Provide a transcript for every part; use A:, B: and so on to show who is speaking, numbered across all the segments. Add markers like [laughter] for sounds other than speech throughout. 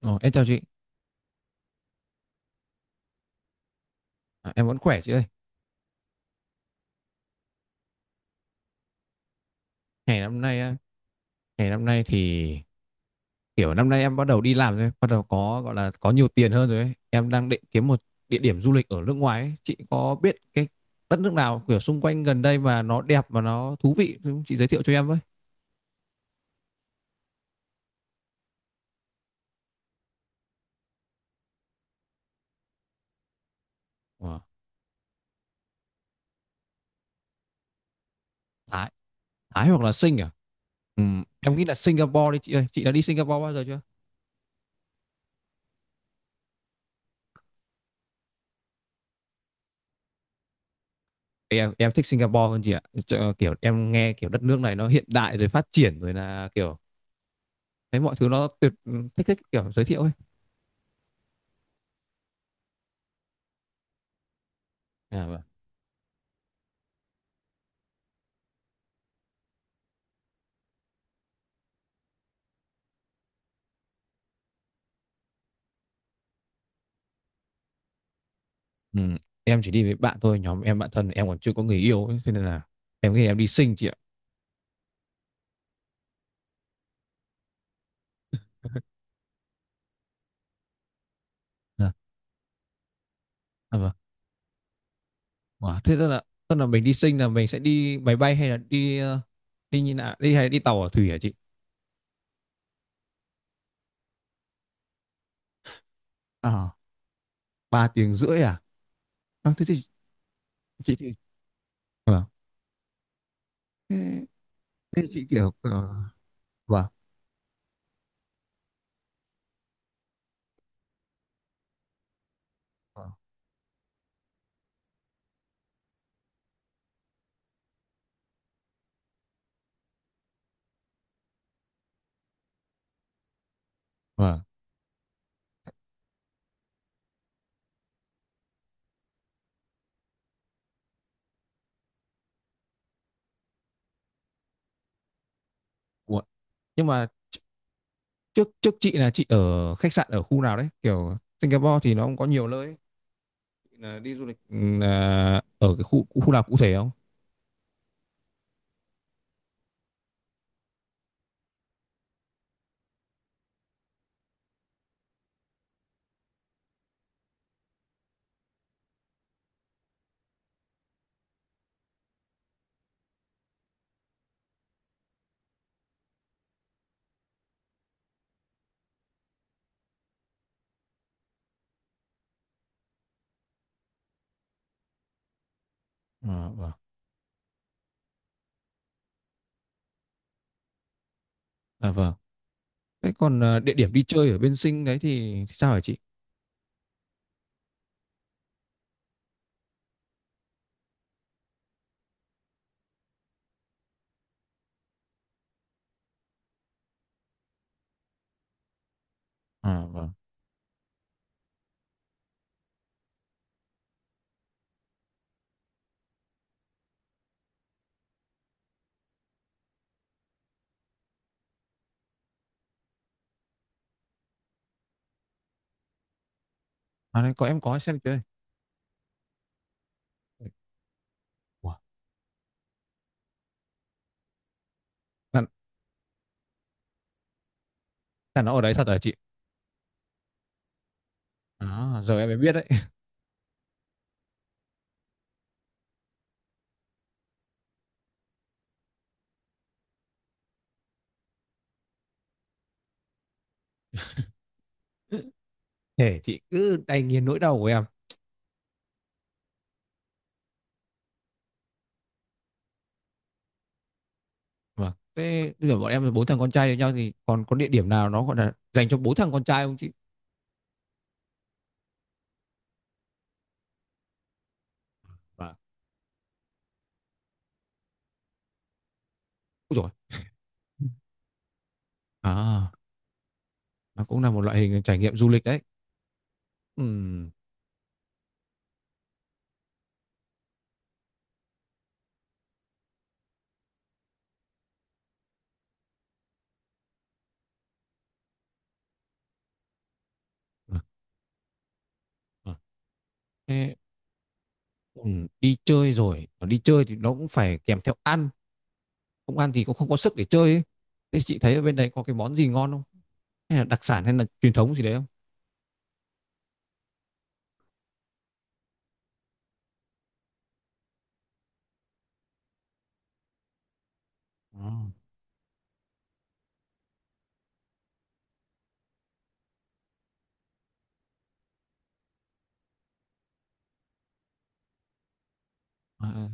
A: Ồ, em chào chị, em vẫn khỏe chị ơi. Ngày năm nay á, ngày năm nay thì kiểu năm nay em bắt đầu đi làm rồi, bắt đầu có gọi là có nhiều tiền hơn rồi ấy. Em đang định kiếm một địa điểm du lịch ở nước ngoài ấy. Chị có biết cái đất nước nào kiểu xung quanh gần đây mà nó đẹp và nó thú vị không? Chị giới thiệu cho em với. Ờ, Thái, Thái hoặc là Sing à? Ừ, em nghĩ là Singapore đi chị ơi. Chị đã đi Singapore bao giờ chưa? Em thích Singapore hơn chị ạ. Kiểu em nghe kiểu đất nước này nó hiện đại rồi phát triển rồi là kiểu thấy mọi thứ nó tuyệt, thích thích kiểu giới thiệu ấy. À, vâng. Ừ, em chỉ đi với bạn thôi, nhóm em bạn thân em còn chưa có người yêu ấy, cho nên là em nghĩ em đi Sinh chị ạ. Dạ. À, vâng. Wow, thế tức là mình đi Sinh là mình sẽ đi máy bay hay là đi như nào, đi hay là đi tàu ở thủy hả chị? À, 3 tiếng rưỡi à, à thế thì chị thì. Vâng. Thế, thế chị kiểu vâng, vâng. Vâng. Ủa. Nhưng mà trước trước chị là chị ở khách sạn ở khu nào đấy? Kiểu Singapore thì nó cũng có nhiều nơi ấy. Chị là đi du lịch, là ở cái khu khu nào cụ thể không? À, vâng. À, vâng. Thế còn địa điểm đi chơi ở bên Sinh đấy thì sao hả chị? À vâng. À đấy, có em có xem chơi. Ủa, là, là nó ở đấy thật hả chị? À, giờ em mới biết đấy. [laughs] Thế chị cứ đay nghiến nỗi đau của em. Vâng. Thế bây giờ bọn em là bốn thằng con trai với nhau thì còn có địa điểm nào nó gọi là dành cho bốn thằng con trai không chị? Vâng. Ôi dồi. À, nó cũng là một loại hình trải nghiệm du lịch đấy. Ừm. Vâng, vâng. Thế, đi chơi rồi, đi chơi thì nó cũng phải kèm theo ăn. Không ăn thì cũng không có sức để chơi ấy. Thế chị thấy ở bên đấy có cái món gì ngon không? Hay là đặc sản hay là truyền thống gì đấy không? Ờ, à,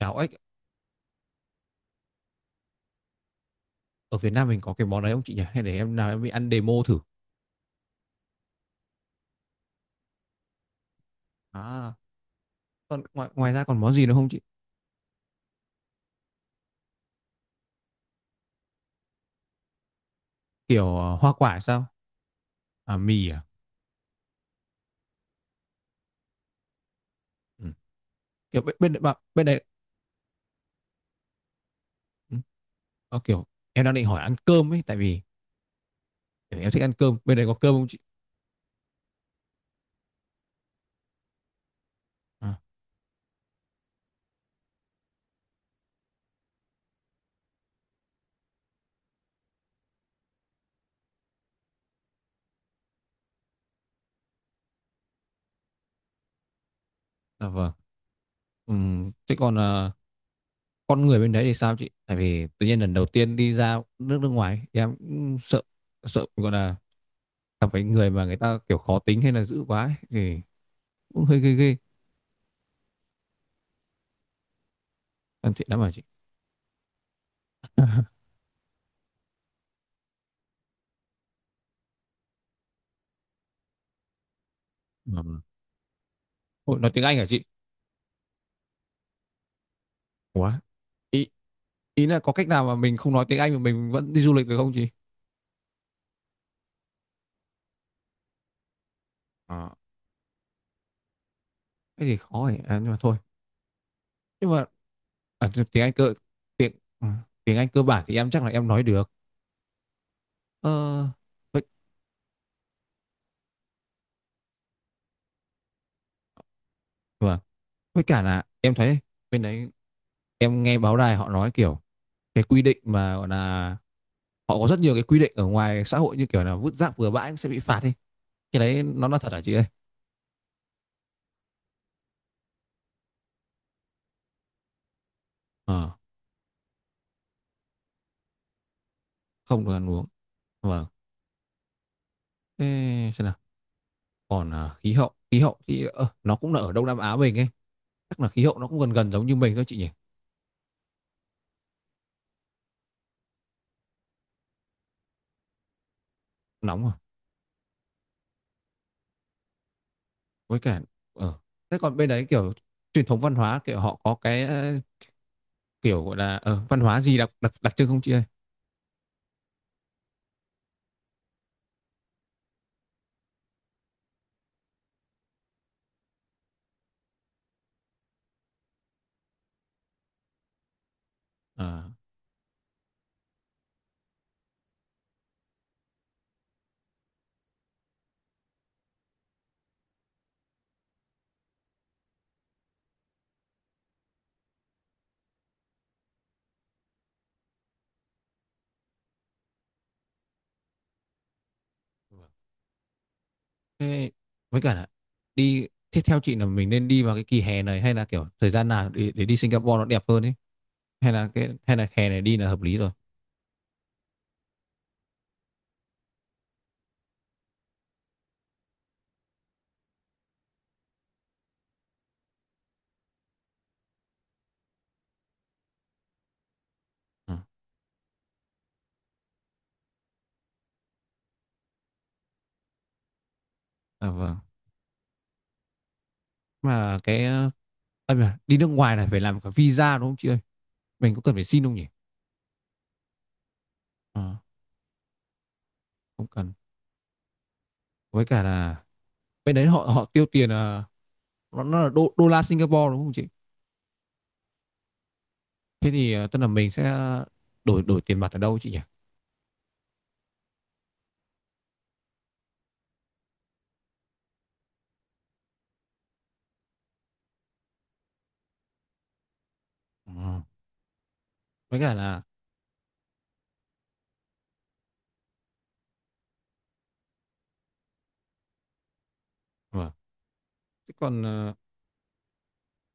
A: cháo ếch ở Việt Nam mình có cái món đấy không chị nhỉ? Hay để em nào em đi ăn demo thử. À, còn ngoài ngoài ra còn món gì nữa không chị? Kiểu hoa quả sao? À mì à? Ừ. Kiểu bên đấy. Ừ. Ờ, kiểu em đang định hỏi ăn cơm ấy, tại vì kiểu em thích ăn cơm. Bên đấy có cơm không chị? À, dạ vâng. Ừ. Thế còn con người bên đấy thì sao chị? Tại vì tự nhiên lần đầu tiên đi ra nước nước ngoài em cũng sợ, gọi là gặp phải người mà người ta kiểu khó tính hay là dữ quá ấy, thì cũng hơi ghê ghê. Em thiện lắm hả chị? Ừ. Ôi, nói tiếng Anh hả chị? Ủa? Ý, là có cách nào mà mình không nói tiếng Anh mà mình vẫn đi du lịch được không chị? À, thế thì khó rồi. À, nhưng mà thôi. Nhưng mà à, thì tiếng Anh cơ tiếng ừ, tiếng Anh cơ bản thì em chắc là em nói được. Ờ vậy, vâng. Với cả là em thấy bên đấy, em nghe báo đài họ nói kiểu cái quy định mà gọi là họ có rất nhiều cái quy định ở ngoài xã hội như kiểu là vứt rác bừa bãi cũng sẽ bị phạt đi, cái đấy nó là thật hả chị ơi? Ờ, không được ăn uống. Vâng. Thế xem nào, còn khí hậu, thì nó cũng là ở Đông Nam Á mình ấy, chắc là khí hậu nó cũng gần gần giống như mình thôi chị nhỉ. Nóng rồi. Với cả, ờ thế còn bên đấy kiểu truyền thống văn hóa, kiểu họ có cái kiểu gọi là văn hóa gì đặc đặc đặc trưng không chị ơi? Ờ. Thế với cả là đi tiếp theo chị, là mình nên đi vào cái kỳ hè này hay là kiểu thời gian nào để đi Singapore nó đẹp hơn ấy, hay là cái, hay là hè này đi là hợp lý rồi. Ừ. À, vâng. Mà cái à, mà đi nước ngoài này phải làm cả visa đúng không chị ơi, mình có cần phải xin không nhỉ? Ờ, không cần. Với cả là bên đấy họ họ tiêu tiền là nó là đô la Singapore đúng không chị? Thế thì tức là mình sẽ đổi đổi tiền mặt ở đâu chị nhỉ? Ờ, với cả là vâng. Thế còn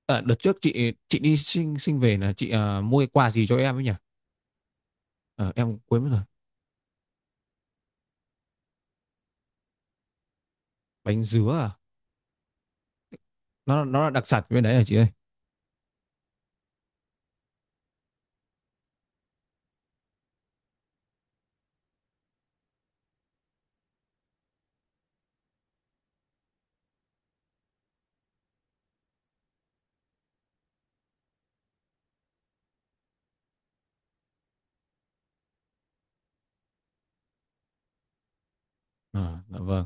A: ờ, đợt trước chị đi sinh sinh về là chị mua cái quà gì cho em ấy nhỉ? Ờ, em quên mất rồi. Bánh dứa à? Nó là đặc sản bên đấy hả chị ơi? Ờ, dạ vâng.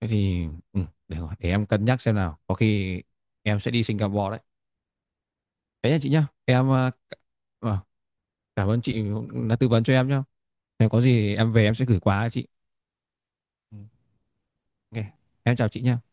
A: Thế thì ừ, rồi, để em cân nhắc xem nào. Có khi em sẽ đi Singapore đấy. Thế nha chị nhá. Ờ, cảm ơn chị đã tư vấn cho em nhá. Nếu có gì em về em sẽ gửi quà cho chị. Ừ, ok. Em chào chị nhá.